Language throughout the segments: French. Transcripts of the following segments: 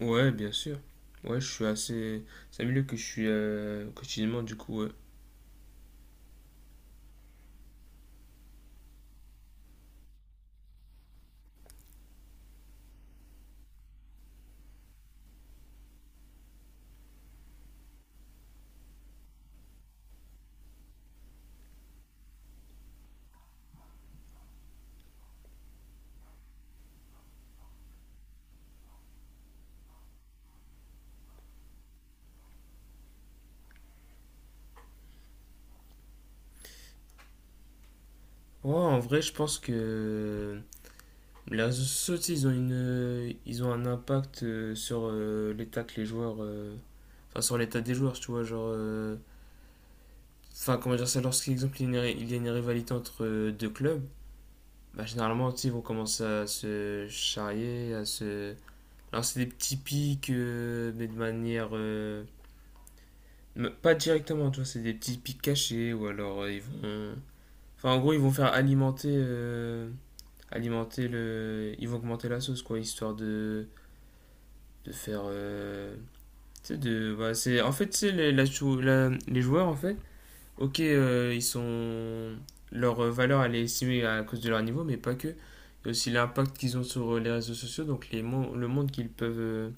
Ouais, bien sûr. Ouais, je suis assez. C'est un milieu que je suis quotidiennement, du coup. Ouais. Ouais, en vrai, je pense que les réseaux sociaux, tu sais, ils ont une, ils ont un impact sur l'état que les joueurs. Enfin, sur l'état des joueurs, tu vois. Genre. Enfin, comment dire ça, lorsqu'exemple, il y a il y a une rivalité entre deux clubs, bah, généralement, tu sais, ils vont commencer à se charrier, à se lancer des petits pics, mais de manière. Mais pas directement, tu vois, c'est des petits pics cachés ou alors ils vont. Enfin, en gros, ils vont faire alimenter, alimenter le. Ils vont augmenter la sauce, quoi, histoire de faire. Tu sais, de. Bah, c'est... En fait, tu sais, les, la chou- la- les joueurs, en fait, ok, ils sont. Leur valeur, elle est estimée à cause de leur niveau, mais pas que. Il y a aussi l'impact qu'ils ont sur les réseaux sociaux, donc le monde qu'ils peuvent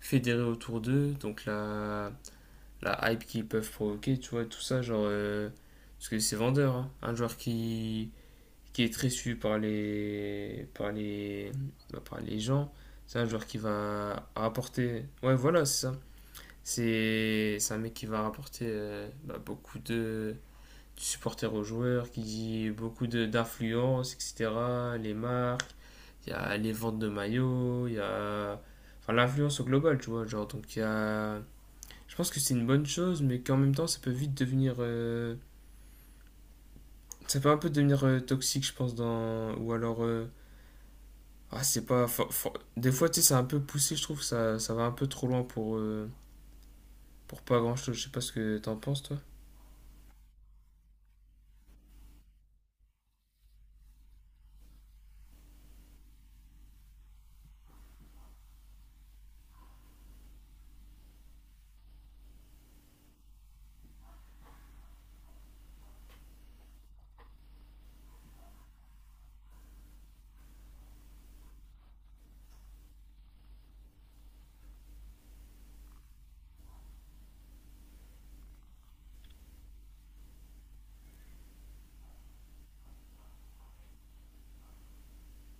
fédérer autour d'eux, donc la hype qu'ils peuvent provoquer, tu vois, tout ça, genre. Parce que c'est vendeur, hein. Un joueur qui est très suivi par les, bah, par les gens, c'est un joueur qui va rapporter. Ouais, voilà, c'est ça. C'est un mec qui va rapporter bah, beaucoup de supporters aux joueurs, qui dit beaucoup d'influence, etc. Les marques, il y a les ventes de maillots, il y a. Enfin, l'influence au global, tu vois, genre, donc il y a je pense que c'est une bonne chose, mais qu'en même temps, ça peut vite devenir. Ça peut un peu devenir toxique, je pense, dans. Ou alors. Ah, c'est pas. Des fois, tu sais, c'est un peu poussé, je trouve, ça va un peu trop loin pour pas grand-chose. Je sais pas ce que t'en penses, toi.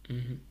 Mhm.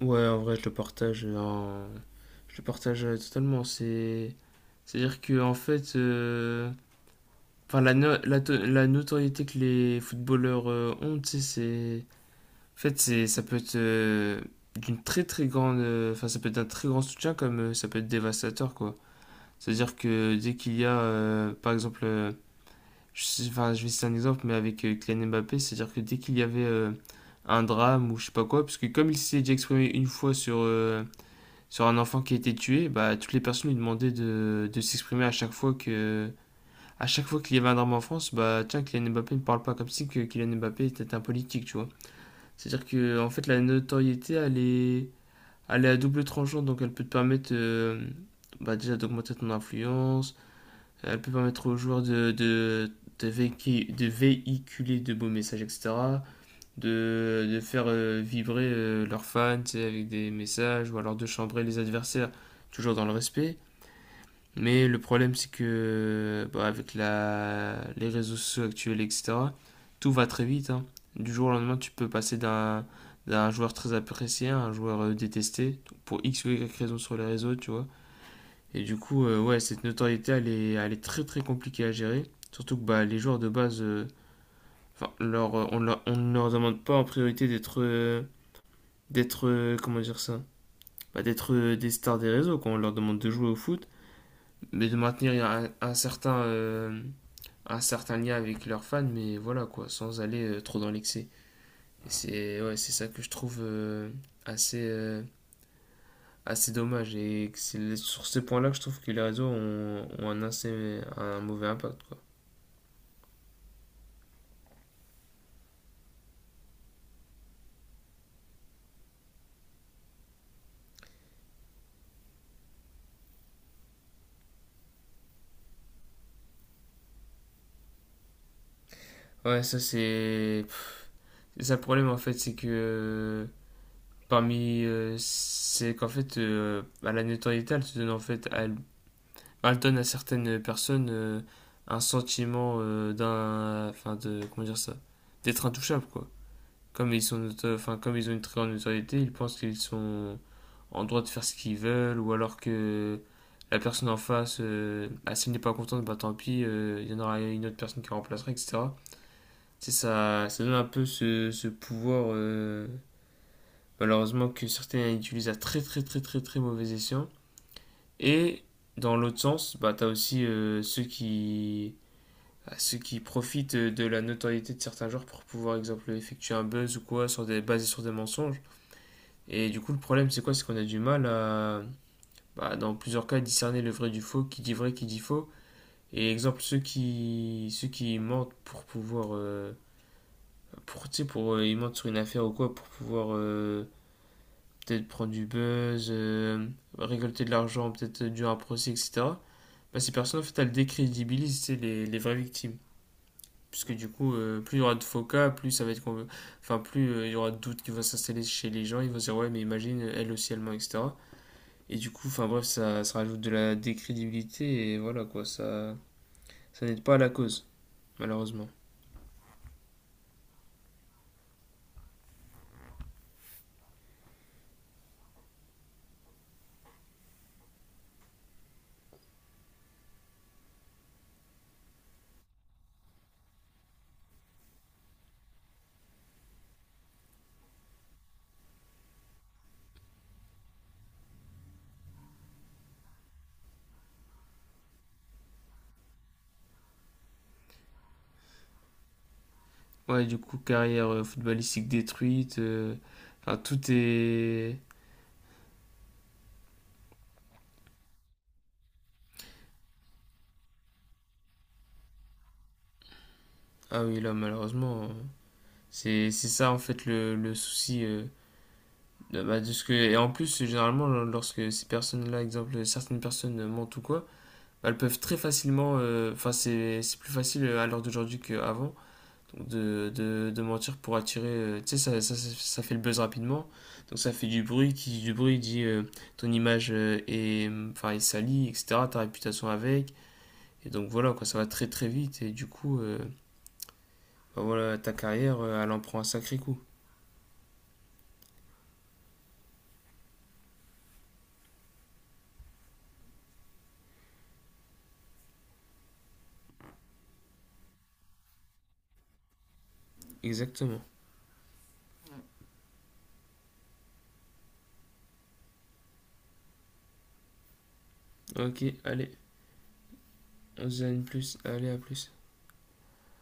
Ouais, en vrai, je le partage. Je le partage totalement. C'est. C'est-à-dire que, en fait. Enfin, la, no- la, to- la notoriété que les footballeurs ont, tu sais, c'est en fait, c'est, ça peut être d'une très très grande, enfin ça peut être d'un très grand soutien comme ça peut être dévastateur quoi. C'est-à-dire que dès qu'il y a, par exemple, enfin je vais citer un exemple, mais avec Kylian Mbappé, c'est-à-dire que dès qu'il y avait un drame ou je sais pas quoi, parce que comme il s'est déjà exprimé une fois sur sur un enfant qui a été tué, bah toutes les personnes lui demandaient de s'exprimer à chaque fois que à chaque fois qu'il y avait un drame en France, bah tiens Kylian Mbappé ne parle pas comme si que Kylian Mbappé était un politique, tu vois. C'est-à-dire que en fait la notoriété elle est à double tranchant, donc elle peut te permettre bah, déjà d'augmenter ton influence, elle peut permettre aux joueurs de, de véhiculer de beaux messages, etc., de faire vibrer leurs fans tu sais, avec des messages, ou alors de chambrer les adversaires, toujours dans le respect. Mais le problème, c'est que bah, avec la... les réseaux sociaux actuels, etc., tout va très vite, hein. Du jour au lendemain, tu peux passer d'un joueur très apprécié à un joueur détesté donc pour X ou Y raison sur les réseaux, tu vois. Et du coup, ouais, cette notoriété, elle est très très compliquée à gérer. Surtout que bah, les joueurs de base, enfin, leur, on, leur, on ne leur demande pas en priorité d'être, d'être, comment dire ça, bah, d'être des stars des réseaux. Quand on leur demande de jouer au foot, mais de maintenir un certain lien avec leurs fans, mais voilà quoi, sans aller trop dans l'excès. Et c'est ouais, c'est ça que je trouve assez, assez dommage. Et c'est sur ce point-là que je trouve que les réseaux ont, ont un, assez, un mauvais impact. Quoi. Ouais, ça c'est. C'est ça le problème en fait, c'est que parmi. Euh, c'est qu'en fait, à la notoriété, elle se donne en fait à elle. Elle donne à certaines personnes un sentiment d'un enfin de comment dire ça d'être intouchable quoi comme enfin comme ils ont une très grande notoriété ils pensent qu'ils sont en droit de faire ce qu'ils veulent ou alors que la personne en face si elle n'est pas contente bah tant pis il y en aura une autre personne qui la remplacera etc. C'est ça donne un peu ce, ce pouvoir malheureusement que certains utilisent à très très très très très mauvais escient. Et dans l'autre sens bah t'as aussi ceux qui à ceux qui profitent de la notoriété de certains joueurs pour pouvoir, exemple, effectuer un buzz ou quoi, sur des, basé sur des mensonges. Et du coup, le problème, c'est quoi. C'est qu'on a du mal à, bah, dans plusieurs cas, discerner le vrai du faux, qui dit vrai, qui dit faux. Et exemple, ceux qui mentent pour pouvoir. Euh, pour, tu sais, pour, ils mentent sur une affaire ou quoi, pour pouvoir peut-être prendre du buzz, récolter de l'argent, peut-être dû à un procès, etc. Bah, ces personnes, en fait, elles décrédibilisent tu sais, les vraies victimes. Puisque du coup, plus il y aura de faux cas, plus ça va être enfin plus il y aura de doutes qui vont s'installer chez les gens, ils vont se dire ouais mais imagine elle aussi elle ment, etc. Et du coup, enfin bref, ça rajoute de la décrédibilité et voilà quoi, ça n'aide pas à la cause, malheureusement. Ouais, du coup, carrière footballistique détruite, enfin tout est... Ah oui, là malheureusement, c'est ça en fait le souci. Euh, bah, de ce que... Et en plus, généralement, lorsque ces personnes-là, exemple, certaines personnes mentent ou quoi, elles peuvent très facilement, enfin c'est plus facile à l'heure d'aujourd'hui qu'avant donc de mentir pour attirer, tu sais ça, ça, ça, ça fait le buzz rapidement, donc ça fait du bruit, qui dit du bruit dit ton image est, enfin, est salie, etc., ta réputation avec, et donc voilà quoi, ça va très très vite et du coup, bah voilà, ta carrière, elle en prend un sacré coup. Exactement. Ok, allez, on se dit à une plus, allez à plus.